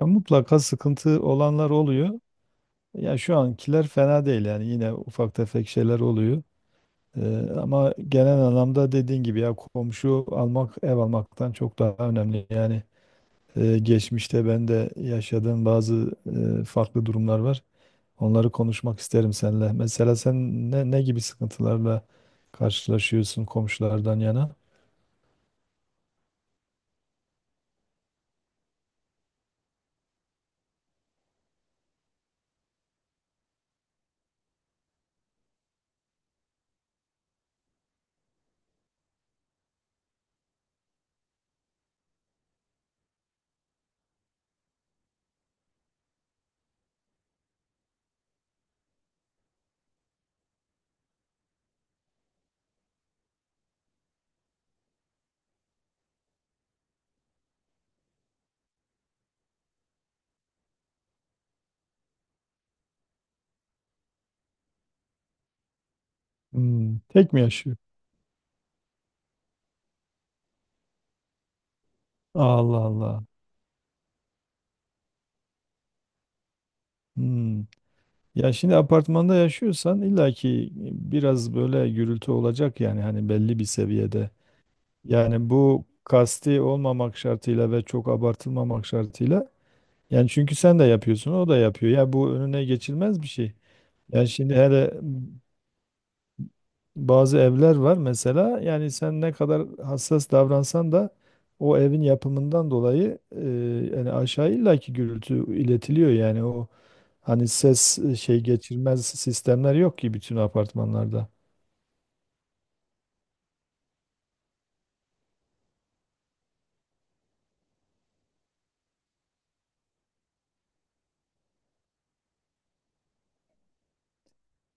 Ya mutlaka sıkıntı olanlar oluyor. Ya şu ankiler fena değil yani yine ufak tefek şeyler oluyor. Ama genel anlamda dediğin gibi ya komşu almak ev almaktan çok daha önemli. Yani geçmişte ben de yaşadığım bazı farklı durumlar var. Onları konuşmak isterim seninle. Mesela sen ne gibi sıkıntılarla karşılaşıyorsun komşulardan yana? Tek mi yaşıyor? Allah Allah. Hmm. Ya şimdi apartmanda yaşıyorsan illaki biraz böyle gürültü olacak, yani hani belli bir seviyede. Yani bu kasti olmamak şartıyla ve çok abartılmamak şartıyla. Yani çünkü sen de yapıyorsun, o da yapıyor. Ya bu önüne geçilmez bir şey. Yani şimdi hele bazı evler var mesela, yani sen ne kadar hassas davransan da o evin yapımından dolayı yani aşağı illaki gürültü iletiliyor, yani o. Hani ses şey geçirmez sistemler yok ki bütün apartmanlarda.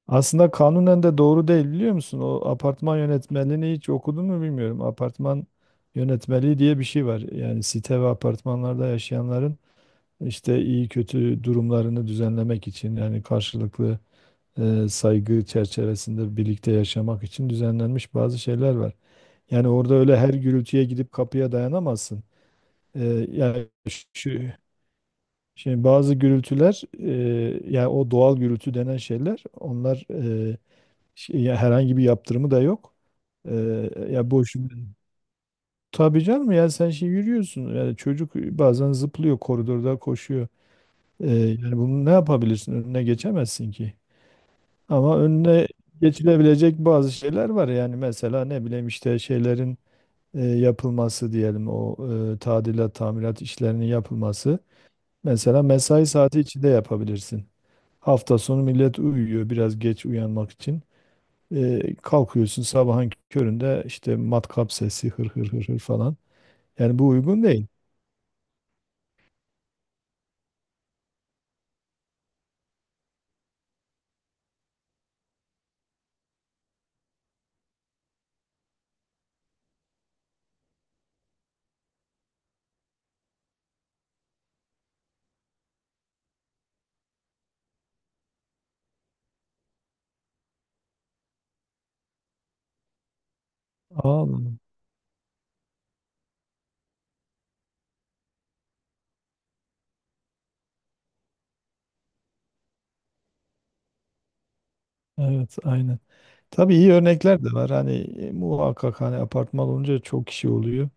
Aslında kanunen de doğru değil, biliyor musun? O apartman yönetmeliğini hiç okudun mu bilmiyorum. Apartman yönetmeliği diye bir şey var. Yani site ve apartmanlarda yaşayanların işte iyi kötü durumlarını düzenlemek için, yani karşılıklı saygı çerçevesinde birlikte yaşamak için düzenlenmiş bazı şeyler var. Yani orada öyle her gürültüye gidip kapıya dayanamazsın. E, yani şu Şimdi bazı gürültüler, yani o doğal gürültü denen şeyler, onlar ya herhangi bir yaptırımı da yok. E, Ya boş. Tabii canım, yani sen şey yürüyorsun. Yani çocuk bazen zıplıyor, koridorda koşuyor. Yani bunu ne yapabilirsin? Önüne geçemezsin ki. Ama önüne geçilebilecek bazı şeyler var. Yani mesela ne bileyim, işte şeylerin yapılması, diyelim o tadilat tamirat işlerinin yapılması. Mesela mesai saati içinde yapabilirsin. Hafta sonu millet uyuyor biraz geç uyanmak için. Kalkıyorsun sabahın köründe, işte matkap sesi hır hır hır hır falan. Yani bu uygun değil. Anladım. Evet, aynen. Tabii iyi örnekler de var. Hani muhakkak, hani apartman olunca çok kişi oluyor.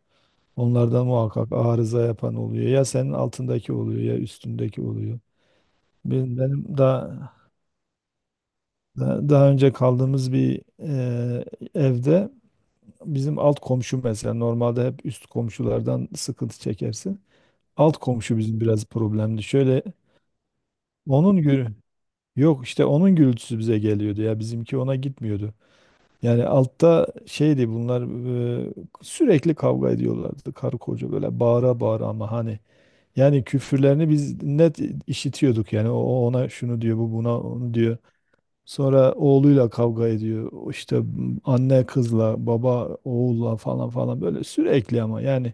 Onlardan muhakkak arıza yapan oluyor. Ya senin altındaki oluyor, ya üstündeki oluyor. Benim daha önce kaldığımız bir evde, bizim alt komşu mesela, normalde hep üst komşulardan sıkıntı çekersin. Alt komşu bizim biraz problemli. Şöyle, onun gürü yok, işte onun gürültüsü bize geliyordu, ya bizimki ona gitmiyordu. Yani altta şeydi bunlar, e, sürekli kavga ediyorlardı karı koca böyle bağıra bağıra, ama hani, yani küfürlerini biz net işitiyorduk. Yani o ona şunu diyor, bu buna onu diyor. Sonra oğluyla kavga ediyor. O İşte anne kızla, baba oğulla falan falan, böyle sürekli, ama yani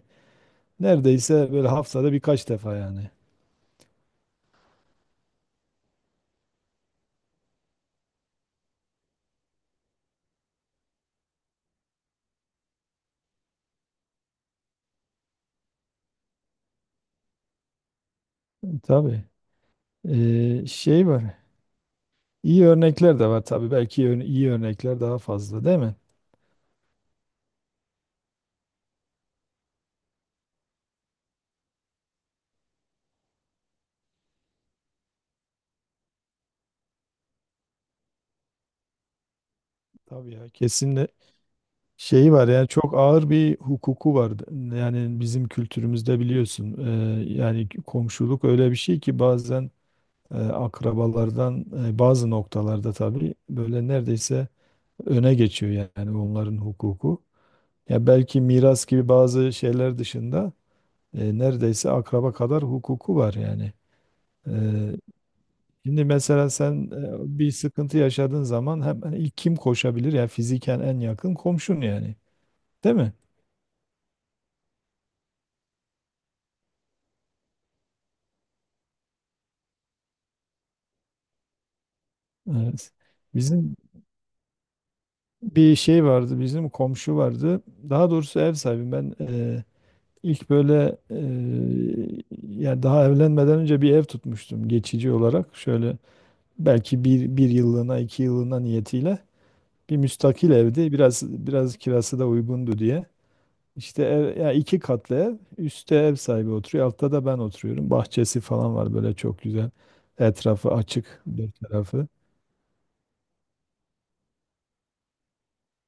neredeyse böyle haftada birkaç defa yani. Tabii. Şey var. İyi örnekler de var tabii. Belki iyi örnekler daha fazla, değil mi? Tabii ya, kesinlikle şeyi var yani, çok ağır bir hukuku var. Yani bizim kültürümüzde biliyorsun. Yani komşuluk öyle bir şey ki, bazen akrabalardan bazı noktalarda tabii böyle neredeyse öne geçiyor yani, onların hukuku. Ya belki miras gibi bazı şeyler dışında neredeyse akraba kadar hukuku var yani. E, Şimdi mesela sen bir sıkıntı yaşadığın zaman hemen ilk kim koşabilir? Ya fiziken en yakın komşun yani. Değil mi? Evet. Bizim bir şey vardı, bizim komşu vardı. Daha doğrusu ev sahibi, ben ilk böyle yani daha evlenmeden önce bir ev tutmuştum geçici olarak. Şöyle belki bir yıllığına iki yıllığına niyetiyle, bir müstakil evdi. Biraz kirası da uygundu diye. İşte ev, ya iki katlı ev. Üstte ev sahibi oturuyor, altta da ben oturuyorum. Bahçesi falan var, böyle çok güzel. Etrafı açık dört tarafı.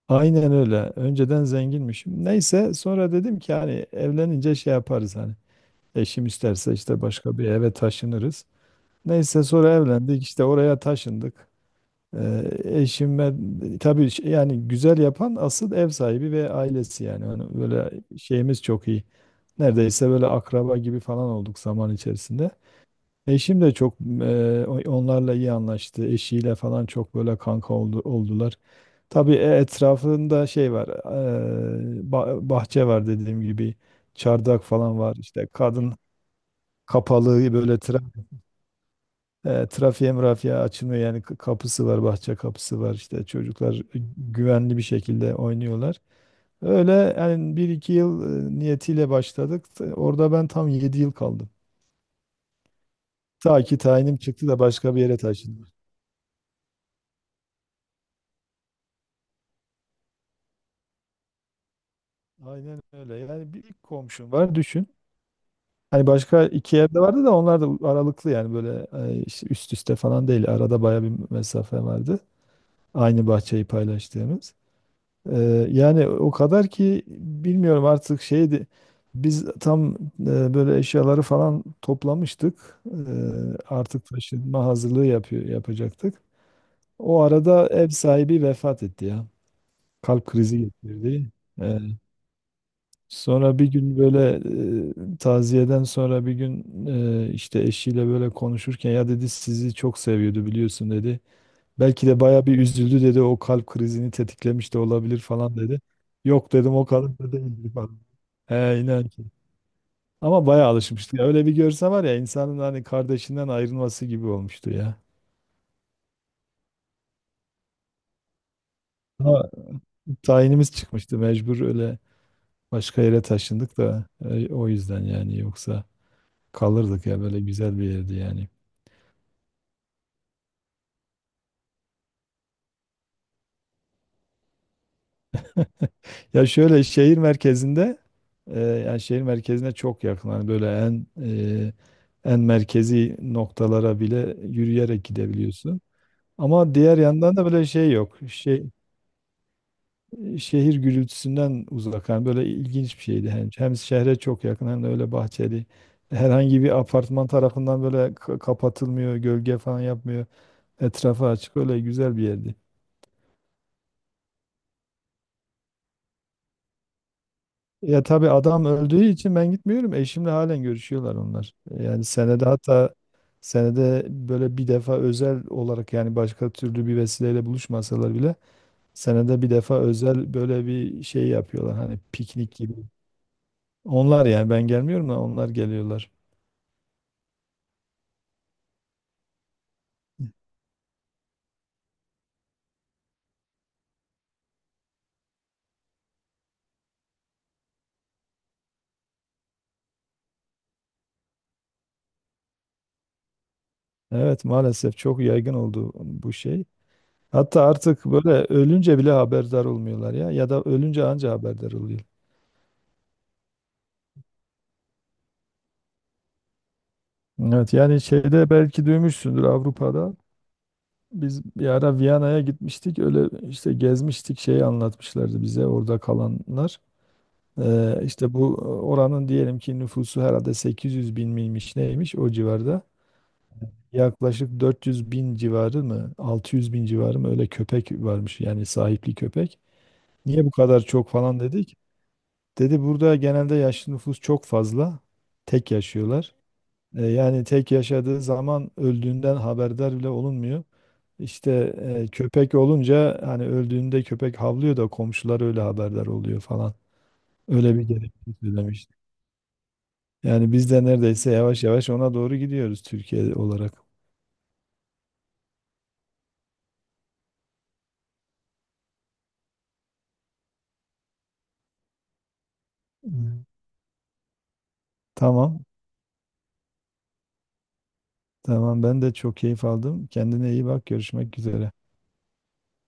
Aynen öyle. Önceden zenginmişim. Neyse, sonra dedim ki hani evlenince şey yaparız hani. Eşim isterse işte başka bir eve taşınırız. Neyse, sonra evlendik, işte oraya taşındık. Eşim tabii yani güzel yapan asıl ev sahibi ve ailesi yani. Hani böyle şeyimiz çok iyi. Neredeyse böyle akraba gibi falan olduk zaman içerisinde. Eşim de çok onlarla iyi anlaştı. Eşiyle falan çok böyle kanka oldular. Tabii etrafında şey var, bahçe var dediğim gibi. Çardak falan var. İşte kadın kapalı böyle, trafiğe mırafiğe açılmıyor yani, kapısı var, bahçe kapısı var, işte çocuklar güvenli bir şekilde oynuyorlar. Öyle yani, bir iki yıl niyetiyle başladık. Orada ben tam 7 yıl kaldım. Ta ki tayinim çıktı da başka bir yere taşındım. Aynen öyle. Yani bir ilk komşum var, düşün. Hani başka iki evde vardı da, onlar da aralıklı yani, böyle işte üst üste falan değil. Arada baya bir mesafe vardı. Aynı bahçeyi paylaştığımız. Yani o kadar ki, bilmiyorum artık, şeydi. Biz tam böyle eşyaları falan toplamıştık. Artık taşınma hazırlığı yapacaktık. O arada ev sahibi vefat etti ya. Kalp krizi geçirdi. Eee, Sonra bir gün böyle, taziyeden sonra bir gün işte eşiyle böyle konuşurken, ya dedi, sizi çok seviyordu biliyorsun, dedi. Belki de baya bir üzüldü, dedi. O kalp krizini tetiklemiş de olabilir falan, dedi. Yok dedim, o kadar da değildir falan. He, inan ki. Ama baya alışmıştı. Ya öyle bir görse var ya insanın, hani kardeşinden ayrılması gibi olmuştu ya. Ama tayinimiz çıkmıştı, mecbur öyle başka yere taşındık da, o yüzden yani, yoksa kalırdık, ya böyle güzel bir yerdi yani. Ya şöyle, şehir merkezinde e, yani şehir merkezine çok yakın. Hani böyle en merkezi noktalara bile yürüyerek gidebiliyorsun. Ama diğer yandan da böyle şey yok. Şey, şehir gürültüsünden uzak. Yani böyle ilginç bir şeydi. Hem şehre çok yakın, hem de öyle bahçeli. Herhangi bir apartman tarafından böyle kapatılmıyor, gölge falan yapmıyor. Etrafı açık, öyle güzel bir yerdi. Ya tabii adam öldüğü için ben gitmiyorum. Eşimle halen görüşüyorlar onlar. Yani senede, hatta senede böyle bir defa özel olarak, yani başka türlü bir vesileyle buluşmasalar bile senede bir defa özel böyle bir şey yapıyorlar. Hani piknik gibi. Onlar, yani ben gelmiyorum da onlar geliyorlar. Evet, maalesef çok yaygın oldu bu şey. Hatta artık böyle ölünce bile haberdar olmuyorlar, ya ya da ölünce anca haberdar oluyor. Evet, yani şeyde belki duymuşsundur, Avrupa'da. Biz bir ara Viyana'ya gitmiştik. Öyle işte gezmiştik. Şeyi anlatmışlardı bize orada kalanlar. İşte bu oranın diyelim ki nüfusu herhalde 800 bin miymiş neymiş, o civarda. Yaklaşık 400 bin civarı mı, 600 bin civarı mı, öyle köpek varmış, yani sahipli köpek. Niye bu kadar çok falan dedik. Dedi burada genelde yaşlı nüfus çok fazla. Tek yaşıyorlar. Yani tek yaşadığı zaman öldüğünden haberdar bile olunmuyor. İşte köpek olunca hani, öldüğünde köpek havlıyor da komşular öyle haberdar oluyor falan. Öyle bir gerekçe söylemişti. Yani biz de neredeyse yavaş yavaş ona doğru gidiyoruz Türkiye olarak. Hmm. Tamam. Tamam, ben de çok keyif aldım. Kendine iyi bak. Görüşmek üzere.